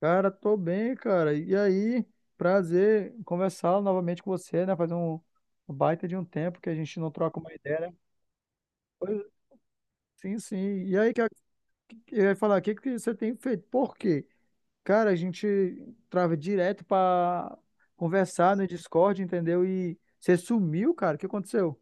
Cara, tô bem, cara. E aí, prazer conversar novamente com você, né? Faz um baita de um tempo que a gente não troca uma ideia, né? Pois, sim, sim. E aí, que eu ia falar, o que que você tem feito? Por quê? Cara, a gente trava direto pra conversar no Discord, entendeu? E você sumiu, cara. O que aconteceu?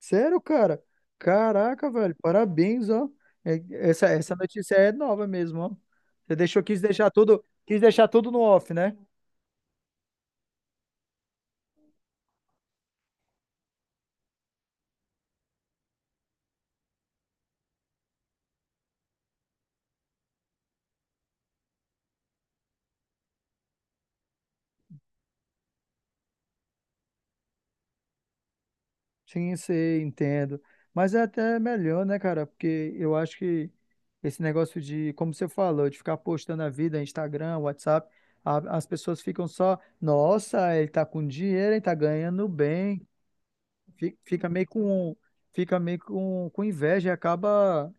Sério, cara? Caraca, velho. Parabéns, ó. É- essa notícia é nova mesmo, ó. Você deixou, quis deixar tudo no off, né? Sim, sei, entendo. Mas é até melhor, né, cara? Porque eu acho que esse negócio de, como você falou, de ficar postando a vida, Instagram, WhatsApp, as pessoas ficam só, nossa, ele tá com dinheiro, ele tá ganhando bem. Fi- Fica meio com, fica meio com inveja e acaba.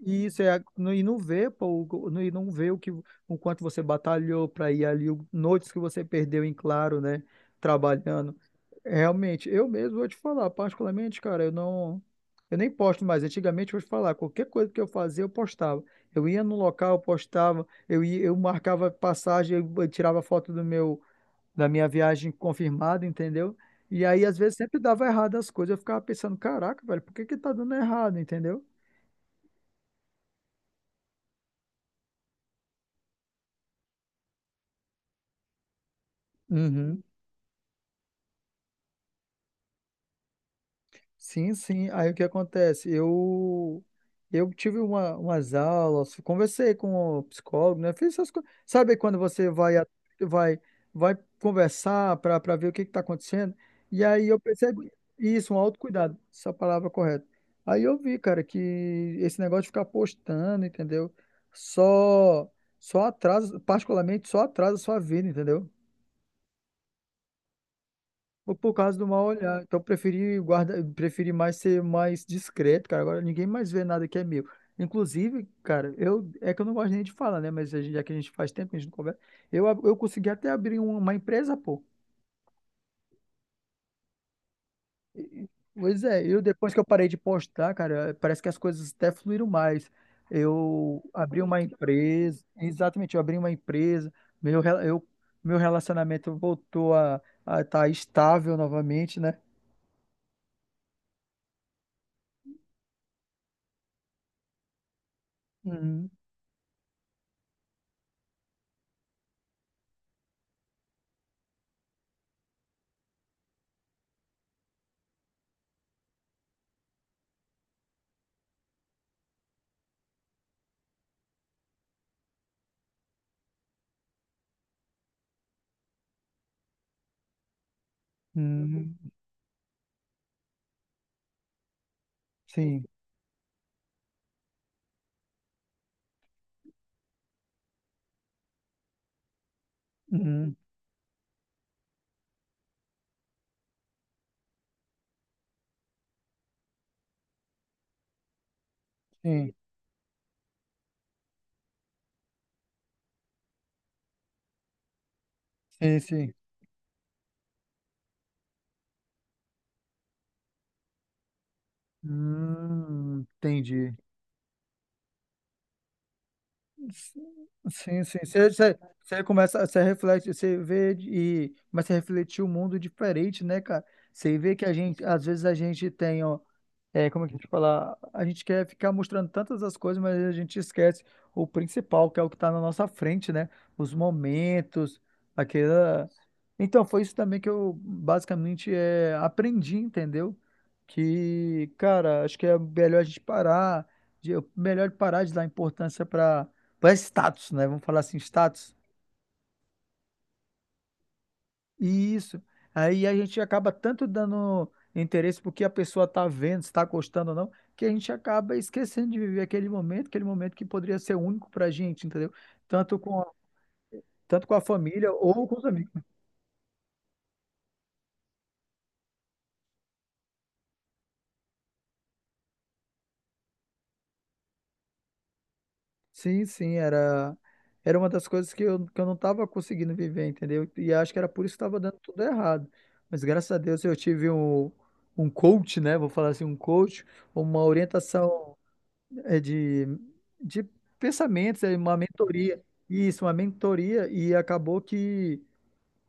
E isso é e não vê, pô, e não vê o que o quanto você batalhou para ir ali, o- noites que você perdeu em claro, né, trabalhando. Realmente, eu mesmo vou te falar, particularmente, cara, eu nem posto mais. Antigamente eu vou te falar, qualquer coisa que eu fazia, eu postava. Eu ia no local, eu postava, eu ia, eu marcava passagem, eu tirava foto do meu da minha viagem confirmada, entendeu? E aí às vezes sempre dava errado as coisas, eu ficava pensando, caraca, velho, por que que tá dando errado, entendeu? Uhum. Sim, sim. Aí o que acontece? Eu tive umas aulas, conversei com o psicólogo, né? Fiz essas coisas. Sabe quando você vai a- vai vai conversar para ver o que está acontecendo? E aí eu percebi isso, um autocuidado, essa palavra correta. Aí eu vi, cara, que esse negócio de ficar postando, entendeu? Só só atrasa, particularmente só atrasa a sua vida, entendeu? Ou por causa do mal olhar. Então, eu preferi guarda, preferi mais ser mais discreto, cara. Agora ninguém mais vê nada que é meu. Inclusive, cara, eu é que eu não gosto nem de falar, né? Mas já que a gente faz tempo, que a gente não conversa. Eu consegui até abrir uma empresa, pô. Pois é, eu depois que eu parei de postar, cara, parece que as coisas até fluíram mais. Eu abri uma empresa, exatamente, eu abri uma empresa, meu, rela- eu, meu relacionamento voltou a estar estável novamente, né? Uhum. Uhum. Sim. Uhum. Sim, sim, sim. Entendi. Sim, sim. Você começa, você reflete, você vê e mas você refletir o mundo diferente, né, cara? Você vê que a gente, às vezes a gente tem, ó, é, como é que eu te falar? A gente quer ficar mostrando tantas as coisas, mas a gente esquece o principal, que é o que está na nossa frente, né? Os momentos, aquela. Então, foi isso também que eu basicamente aprendi, entendeu? Que, cara, acho que é melhor a gente parar, melhor parar de dar importância para status, né? Vamos falar assim, status. Isso. Aí a gente acaba tanto dando interesse porque a pessoa está vendo, se está gostando ou não, que a gente acaba esquecendo de viver aquele momento que poderia ser único para a gente, entendeu? Tanto com a, tanto com a família ou com os amigos. Sim, sim, era, era uma das coisas que eu não estava conseguindo viver, entendeu? E acho que era por isso que estava dando tudo errado. Mas graças a Deus eu tive um coach, né? Vou falar assim, um coach, uma orientação é de, de pensamentos, é uma mentoria. Isso, uma mentoria. E acabou que,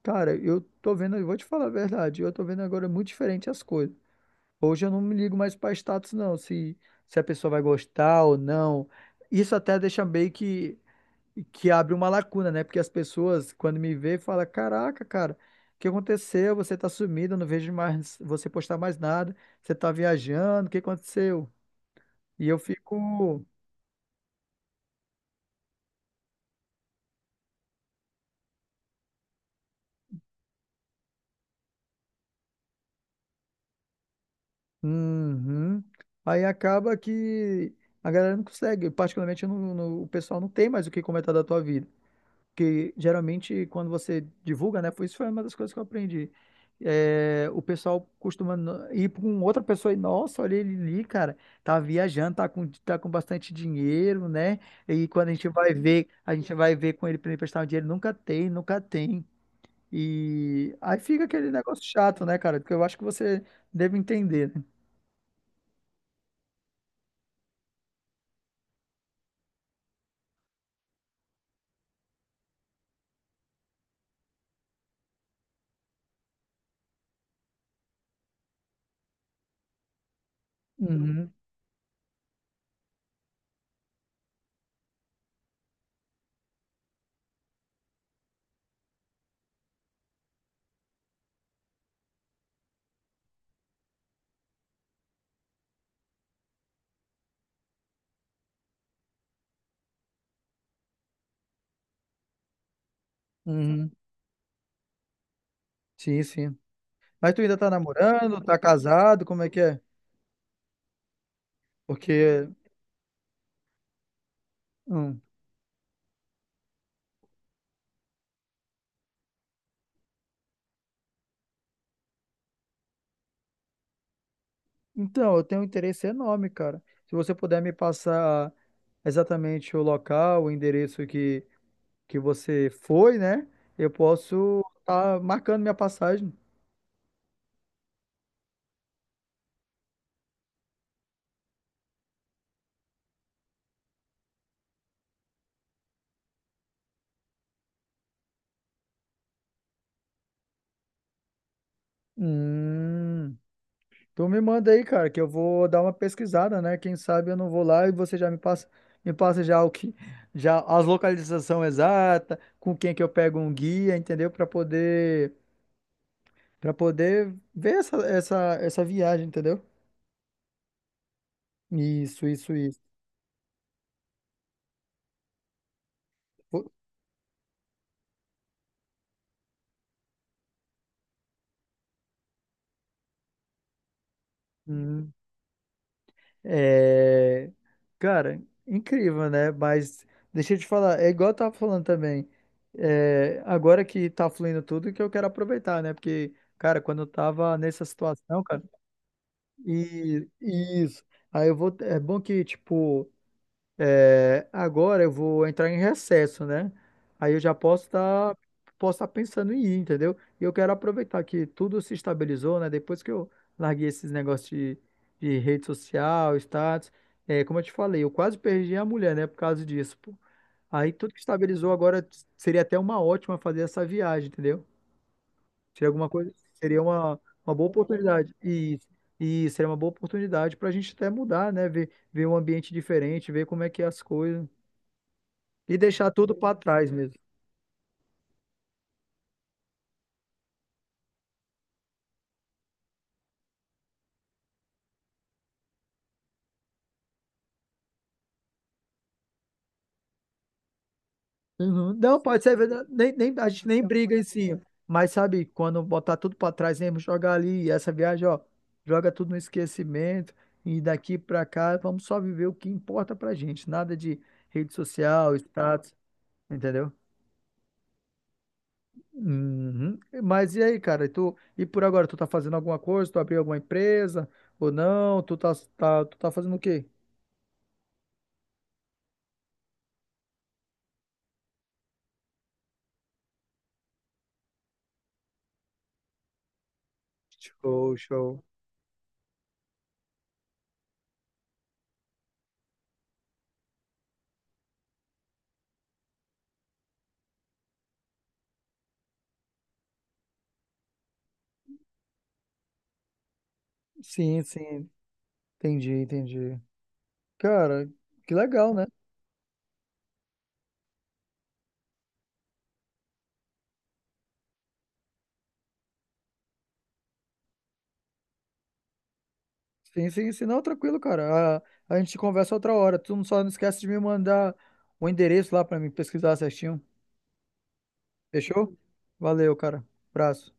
cara, eu tô vendo, eu vou te falar a verdade, eu tô vendo agora muito diferente as coisas. Hoje eu não me ligo mais para status, se a pessoa vai gostar ou não. Isso até deixa meio que abre uma lacuna, né? Porque as pessoas, quando me vê, falam: Caraca, cara, o que aconteceu? Você tá sumido, eu não vejo mais você postar mais nada, você tá viajando, o que aconteceu? E eu fico. Uhum. Aí acaba que a galera não consegue, particularmente eu não- não- o pessoal não tem mais o que comentar da tua vida, porque geralmente quando você divulga, né, foi uma das coisas que eu aprendi. É, o pessoal costuma ir com outra pessoa e, nossa, olha ele ali, cara, tá viajando, tá com bastante dinheiro, né? E quando a gente vai ver, a gente vai ver com ele para emprestar um dinheiro, nunca tem, nunca tem. E aí fica aquele negócio chato, né, cara? Porque eu acho que você deve entender, né? Uhum. Uhum. Sim, sim. Mas tu ainda tá namorando, tá casado, como é que é? Porque, hum. Então, eu tenho um interesse enorme, cara. Se você puder me passar exatamente o local, que você foi, né? Eu posso estar marcando minha passagem. Hum. Tu me manda aí, cara, que eu vou dar uma pesquisada, né? Quem sabe eu não vou lá e você já me passa já as localização exata, com quem que eu pego um guia, entendeu? Para poder Pra poder ver essa viagem, entendeu? Isso, isso, isso. Pô, hum, é, cara, incrível, né? Mas deixa eu te falar, é igual eu tava falando também. É, agora que tá fluindo tudo, que eu quero aproveitar, né? Porque, cara, quando eu tava nessa situação, cara, e e isso. Aí eu vou. É bom que, tipo. É, agora eu vou entrar em recesso, né? Aí eu já posso estar pensando em ir, entendeu? E eu quero aproveitar que tudo se estabilizou, né? Depois que eu larguei esses negócios de rede social, status, é, como eu te falei, eu quase perdi a mulher, né? Por causa disso, pô. Aí tudo que estabilizou agora seria até uma ótima fazer essa viagem, entendeu? Seria alguma coisa, seria uma boa oportunidade. E seria uma boa oportunidade para a gente até mudar, né? Ver um ambiente diferente, ver como é que é as coisas. E deixar tudo para trás mesmo. Uhum. Não, pode ser verdade. Nem, nem, a gente nem briga em si. Mas sabe, quando botar tudo para trás mesmo, jogar ali, e essa viagem, ó, joga tudo no esquecimento. E daqui para cá, vamos só viver o que importa pra gente. Nada de rede social, status, entendeu? Uhum. Mas e aí, cara? E tu, e por agora, tu tá fazendo alguma coisa? Tu abriu alguma empresa ou não? Tu tá fazendo o quê? Show, show. Sim, sim. Entendi, entendi. Cara, que legal, né? Sim, sim, sim. Não, tranquilo, cara. A gente conversa outra hora. Tu não esquece de me mandar o endereço lá pra mim pesquisar certinho. Fechou? Valeu, cara. Abraço.